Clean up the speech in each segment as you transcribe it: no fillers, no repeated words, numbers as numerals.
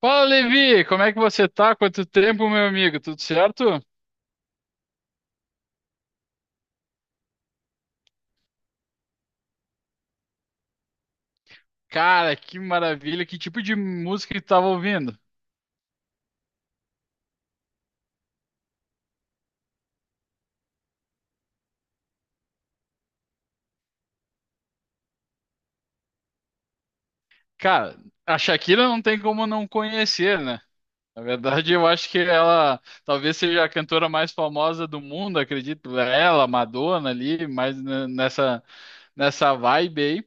Fala, Levi! Como é que você tá? Quanto tempo, meu amigo? Tudo certo? Cara, que maravilha! Que tipo de música que tu tava ouvindo? Cara, a Shakira não tem como não conhecer, né? Na verdade, eu acho que ela talvez seja a cantora mais famosa do mundo, acredito. Ela, Madonna ali, mais nessa vibe aí.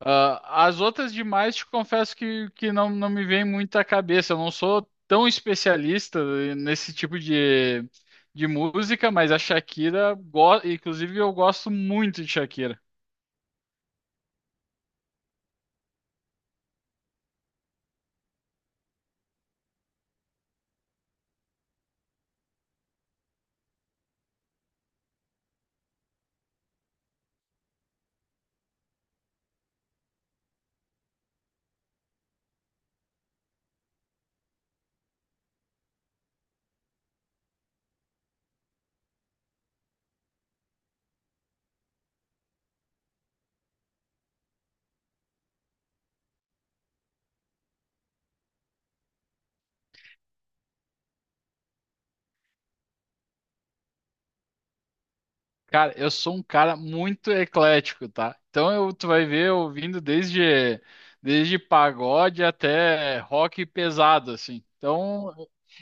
Ah, as outras demais, te confesso que não, não me vem muito à cabeça. Eu não sou tão especialista nesse tipo de música, mas a Shakira, inclusive eu gosto muito de Shakira. Cara, eu sou um cara muito eclético, tá? Tu vai ver eu ouvindo desde pagode até rock pesado, assim. Então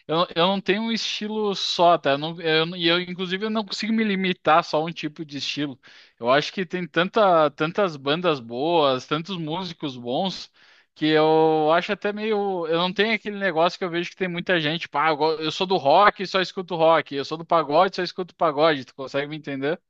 eu não tenho um estilo só, tá? Eu, não- e eu, Inclusive, eu não consigo me limitar só a um tipo de estilo. Eu acho que tem tantas bandas boas, tantos músicos bons, que eu acho até meio. Eu não tenho aquele negócio que eu vejo que tem muita gente, pá, eu sou do rock e só escuto rock, eu sou do pagode e só escuto pagode. Tu consegue me entender?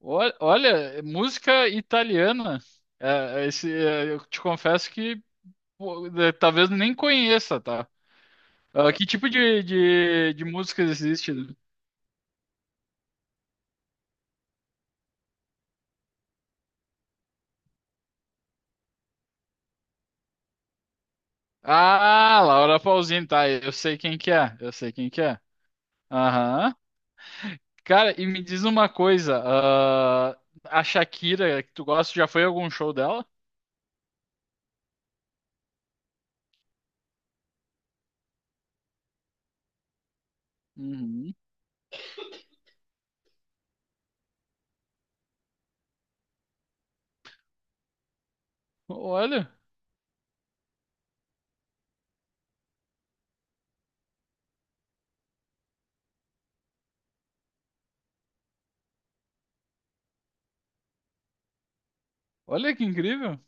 Olha, é música italiana. Eu te confesso que talvez nem conheça, tá? Ah, que tipo de música existe? Ah, Laura Pausini, tá? Eu sei quem que é. Eu sei quem que é. Aham. Cara, e me diz uma coisa. ah, a Shakira, que tu gosta, já foi a algum show dela? Uhum. Olha, olha que incrível.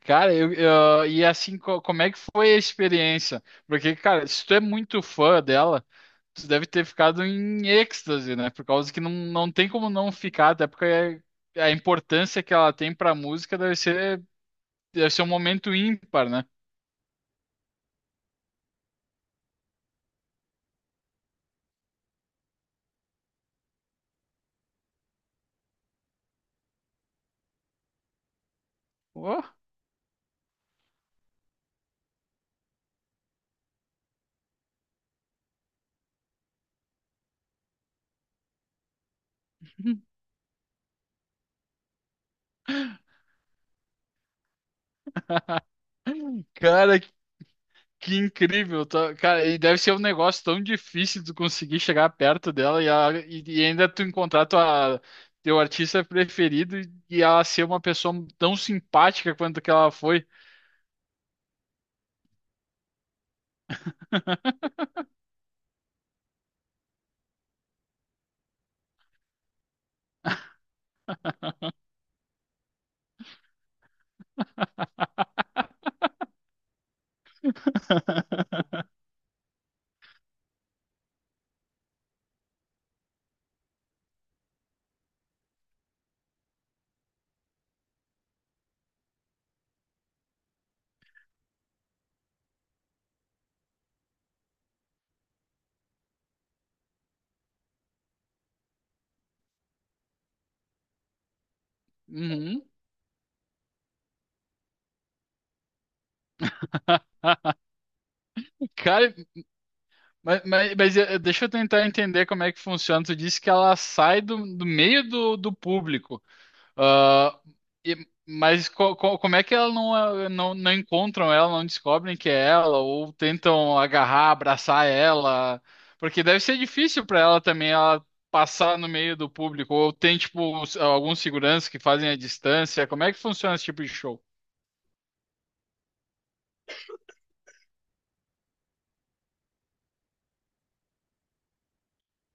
Cara, e assim, como é que foi a experiência? Porque, cara, se tu é muito fã dela, tu deve ter ficado em êxtase, né? Por causa que não, não tem como não ficar, até porque é, a importância que ela tem pra música deve ser um momento ímpar, né? Ó. Cara, que incrível, tá? Cara, e deve ser um negócio tão difícil de conseguir chegar perto dela e ainda tu encontrar teu artista preferido e ela ser uma pessoa tão simpática quanto que ela foi. Uhum. Cara, deixa eu tentar entender como é que funciona. Tu disse que ela sai do, do meio do, do público. Ah, e- mas como é que ela não, não, não encontram ela, não descobrem que é ela, ou tentam agarrar, abraçar ela? Porque deve ser difícil para ela também ela passar no meio do público, ou tem tipo alguns seguranças que fazem a distância. Como é que funciona esse tipo de show?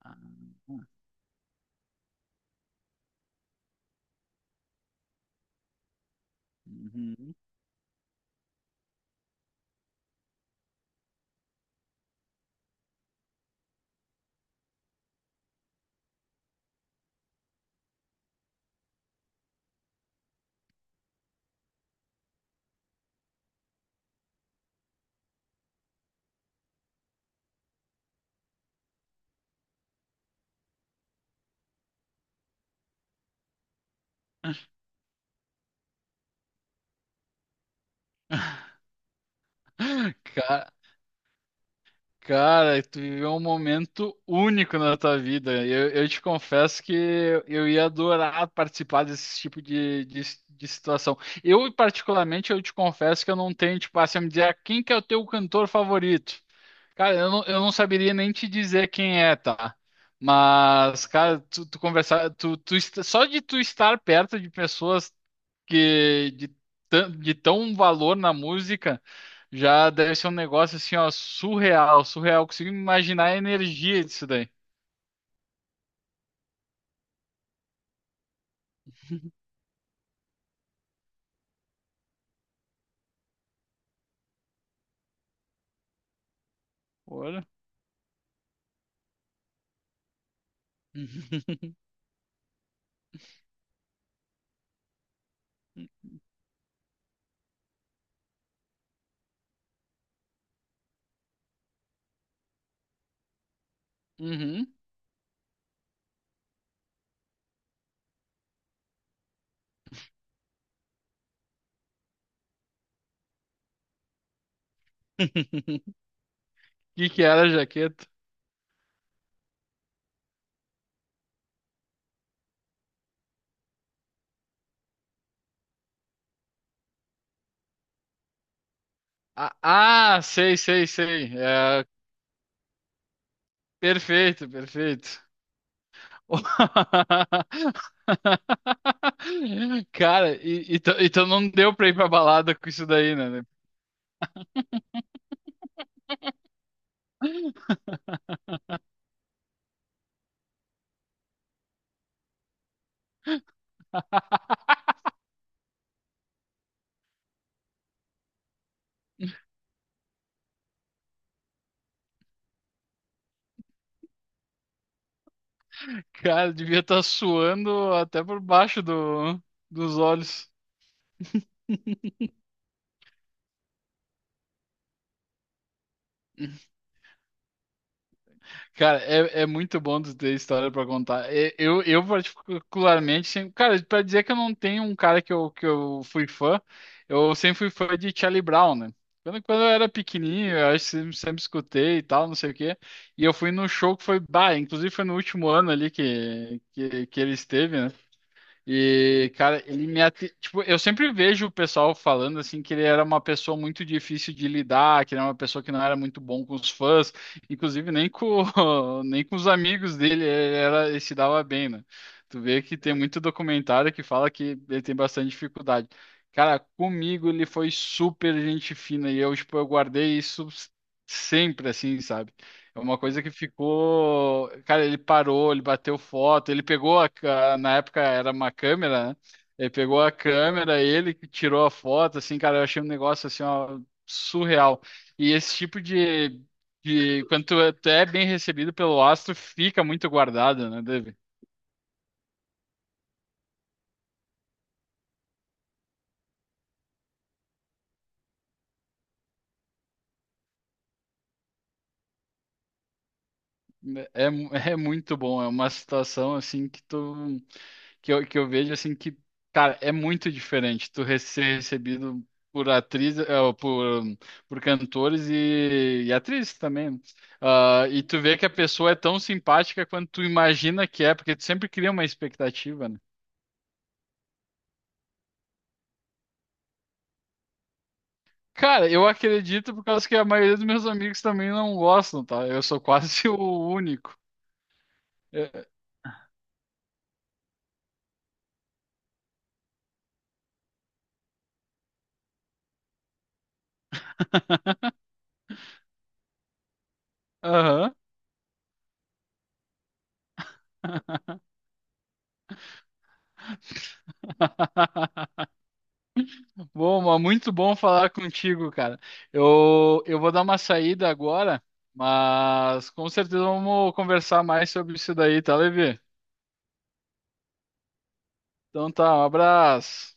Ah, uhum. Cara, tu viveu um momento único na tua vida. Eu te confesso que eu ia adorar participar desse tipo de situação. Eu, particularmente, eu te confesso que eu não tenho, tipo, assim, me dizer "Ah, quem que é o teu cantor favorito. Cara, eu não saberia nem te dizer quem é, tá? Mas, cara, tu conversar, só de tu estar perto de pessoas que de, de tão valor na música já deve ser um negócio assim, ó, surreal, surreal. Consigo imaginar a energia disso daí. Olha. Uhum. Que era a jaqueta? Ah, ah, sei, sei, sei. É, perfeito, perfeito. Cara, então, então não deu pra ir pra balada com isso daí, né? Cara, devia estar suando até por baixo do, dos olhos. Cara, é, é muito bom tu ter história pra contar. É, eu particularmente, sempre, cara, pra dizer que eu não tenho um cara que eu fui fã, eu sempre fui fã de Charlie Brown, né? Quando eu era pequenininho, eu acho sempre escutei e tal, não sei o quê. E eu fui num show que foi, bah, inclusive foi no último ano ali que ele esteve, né? E, cara, ele me ati... tipo, eu sempre vejo o pessoal falando assim que ele era uma pessoa muito difícil de lidar, que ele era uma pessoa que não era muito bom com os fãs, inclusive nem com nem com os amigos dele, ele era ele se dava bem, né? Tu vê que tem muito documentário que fala que ele tem bastante dificuldade. Cara, comigo ele foi super gente fina e eu, tipo, eu guardei isso sempre assim, sabe? É uma coisa que ficou. Cara, ele parou, ele bateu foto, ele pegou a. ca- Na época era uma câmera, né? Ele pegou a câmera, ele que tirou a foto, assim, cara, eu achei um negócio assim, ó, surreal. E esse tipo quando tu é bem recebido pelo astro, fica muito guardado, né, David? É, é muito bom, é uma situação assim que tu. Que que eu vejo assim que, cara, é muito diferente ser recebido por atriz, por cantores e atrizes também, né? Ah, e tu vê que a pessoa é tão simpática quanto tu imagina que é, porque tu sempre cria uma expectativa, né? Cara, eu acredito por causa que a maioria dos meus amigos também não gostam, tá? Eu sou quase o único. É, aham. Bom, mas muito bom falar contigo, cara. Eu vou dar uma saída agora, mas com certeza vamos conversar mais sobre isso daí, tá, Levi? Então tá, um abraço.